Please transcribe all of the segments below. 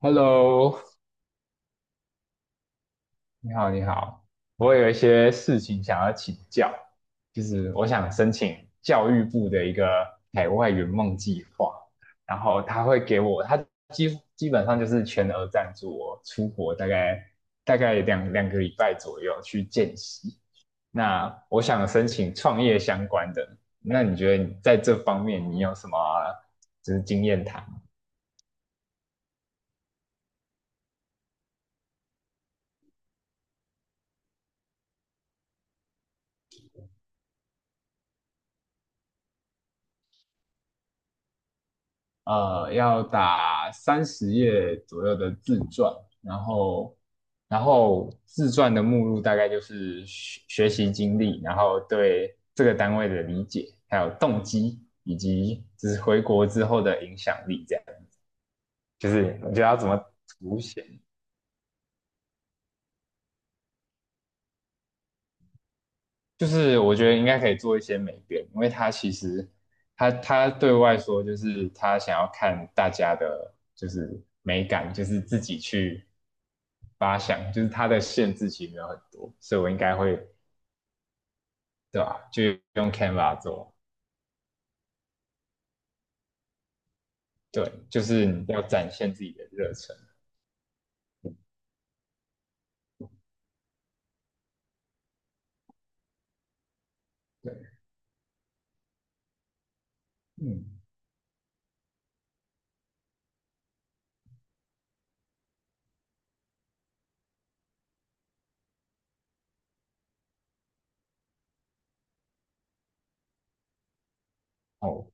Hello，你好，你好，我有一些事情想要请教，就是我想申请教育部的一个海外圆梦计划，然后他会给我，他基本上就是全额赞助我出国大概两个礼拜左右去见习。那我想申请创业相关的，那你觉得你在这方面你有什么就是经验谈？要打30页左右的自传，然后，然后自传的目录大概就是学习经历，然后对这个单位的理解，还有动机，以及就是回国之后的影响力，这样子，就是你觉得要怎么凸显？就是我觉得应该可以做一些美编，因为他其实他对外说就是他想要看大家的，就是美感，就是自己去发想，就是他的限制其实没有很多，所以我应该会对吧？就用 Canva 做，对，就是你要展现自己的热忱，对，嗯，哦，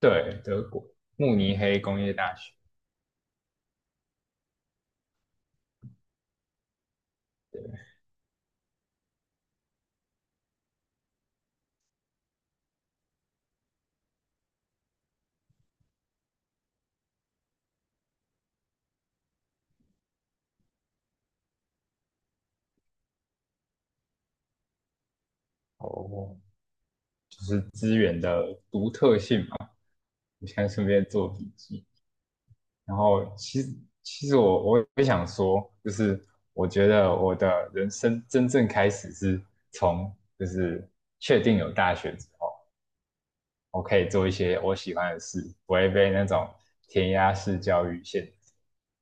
对，德国慕尼黑工业大学，哦，就是资源的独特性嘛，我现在顺便做笔记。然后其实我也想说，就是我觉得我的人生真正开始是从就是确定有大学之后。我可以做一些我喜欢的事，不会被那种填鸭式教育限制。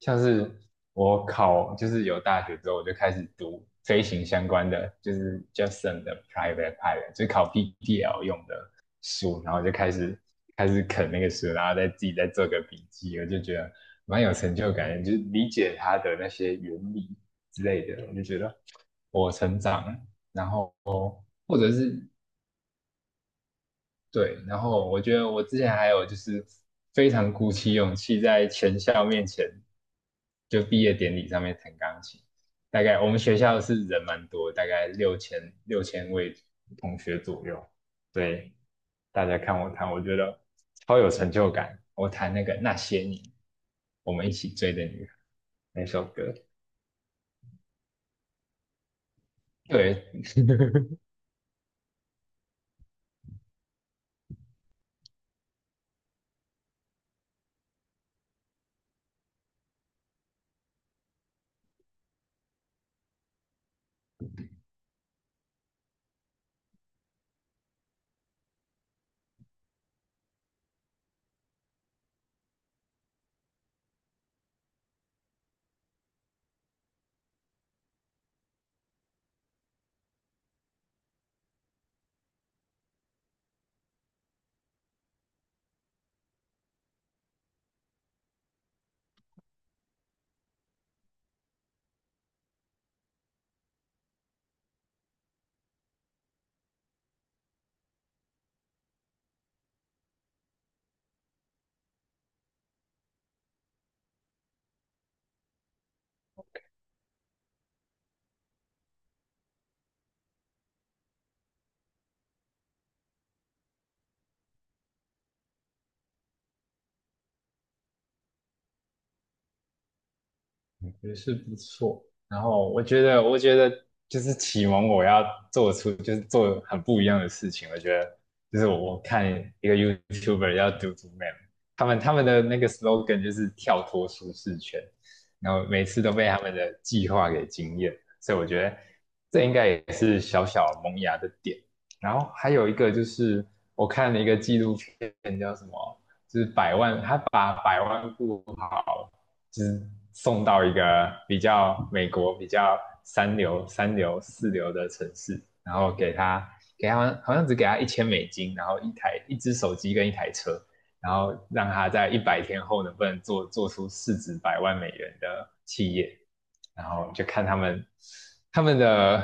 像是我考，就是有大学之后，我就开始读飞行相关的，就是 Justin 的 Private Pilot，就是考 PPL 用的书，然后就开始啃那个书，然后再自己再做个笔记，我就觉得蛮有成就感的，就是理解它的那些原理之类的，我就觉得我成长了然后或者是对，然后我觉得我之前还有就是非常鼓起勇气在全校面前就毕业典礼上面弹钢琴。大概我们学校是人蛮多，大概六千位同学左右，对，大家看我弹，我觉得超有成就感。我弹那个那些年我们一起追的女孩那首歌，对，也是不错。然后我觉得就是启蒙我要做出就是做很不一样的事情。我觉得就是我看一个 YouTuber 要读读 MAN 他们的那个 slogan 就是跳脱舒适圈，然后每次都被他们的计划给惊艳，所以我觉得这应该也是小小萌芽的点。然后还有一个就是我看了一个纪录片，叫什么？就是百万，他把百万富好。就是送到一个比较美国比较三流、三流、四流的城市，然后给他好像只给他1,000美金，然后一台一只手机跟一台车，然后让他在100天后能不能做出市值100万美元的企业，然后就看他们的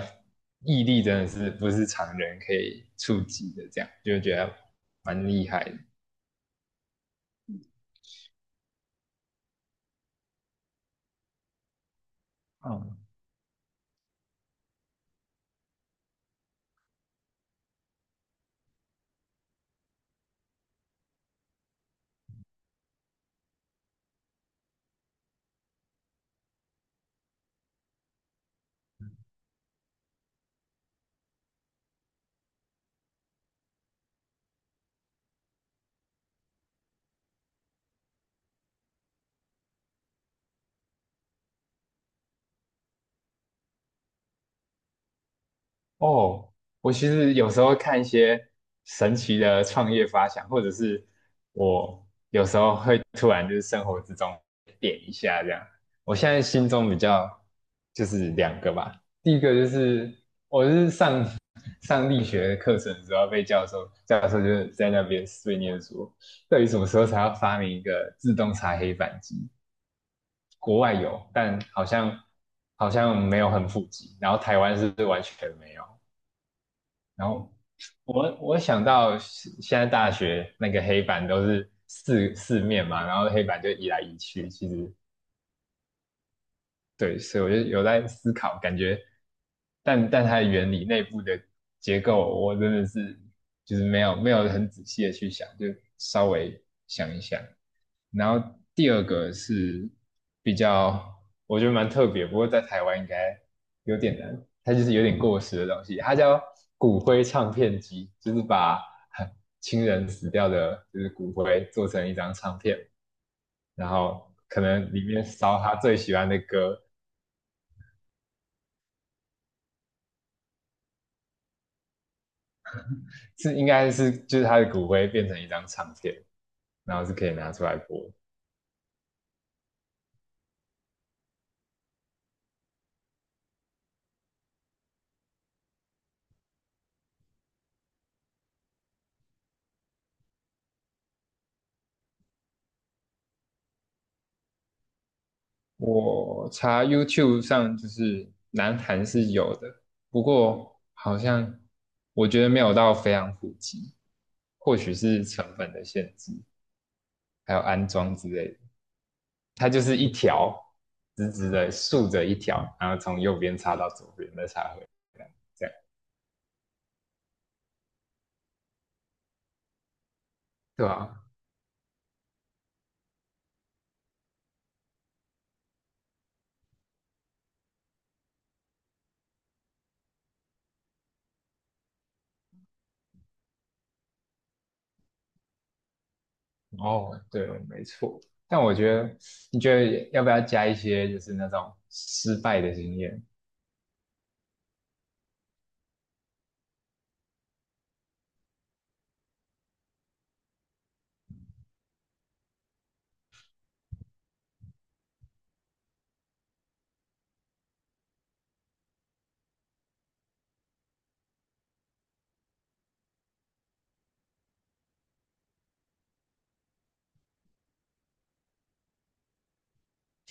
毅力真的是不是常人可以触及的，这样就觉得蛮厉害的。嗯，哦，我其实有时候看一些神奇的创业发想，或者是我有时候会突然就是生活之中点一下这样。我现在心中比较就是两个吧，第一个就是我是上 上力学课程的时候被教授就是在那边碎念说，到底什么时候才要发明一个自动擦黑板机？国外有，但好像没有很普及，然后台湾是完全没有。然后我想到现在大学那个黑板都是四面嘛，然后黑板就移来移去，其实对，所以我就有在思考，感觉，但它的原理内部的结构，我真的是就是没有很仔细的去想，就稍微想一想。然后第二个是比较，我觉得蛮特别，不过在台湾应该有点难，它就是有点过时的东西，它叫骨灰唱片机，就是把 亲人死掉的，就是骨灰做成一张唱片。然后可能里面烧他最喜欢的歌，是应该是就是他的骨灰变成一张唱片，然后是可以拿出来播。我查 YouTube 上就是南韩是有的，不过好像我觉得没有到非常普及，或许是成本的限制，还有安装之类的。它就是一条直直的竖着一条，然后从右边插到左边，再插回来，这样对吧、哦，对，没错。但我觉得，你觉得要不要加一些就是那种失败的经验？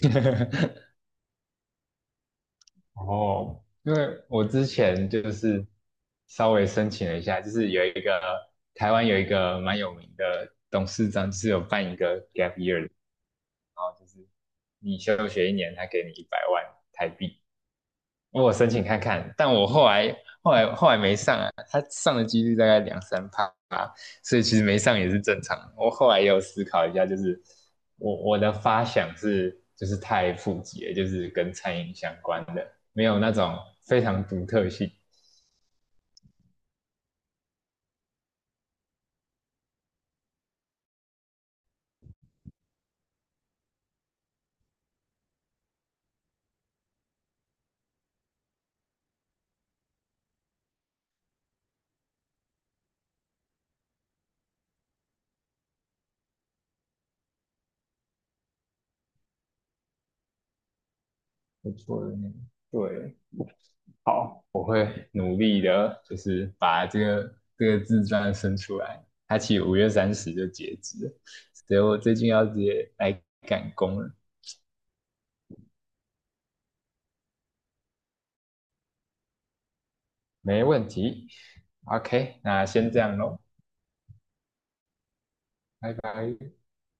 哦，因为我之前就是稍微申请了一下，就是有一个台湾有一个蛮有名的董事长，就是有办一个 gap year，你休学一年，他给你100万台币，我申请看看，但我后来没上啊，他上的几率大概两三趴，所以其实没上也是正常我后来也有思考一下，就是我的发想是就是太普及了，就是跟餐饮相关的，没有那种非常独特性。不错的对，好，我会努力的，就是把这个自传生出来。它其实5月30日就截止了，所以我最近要直接来赶工了。没问题。OK，那先这样喽，拜拜。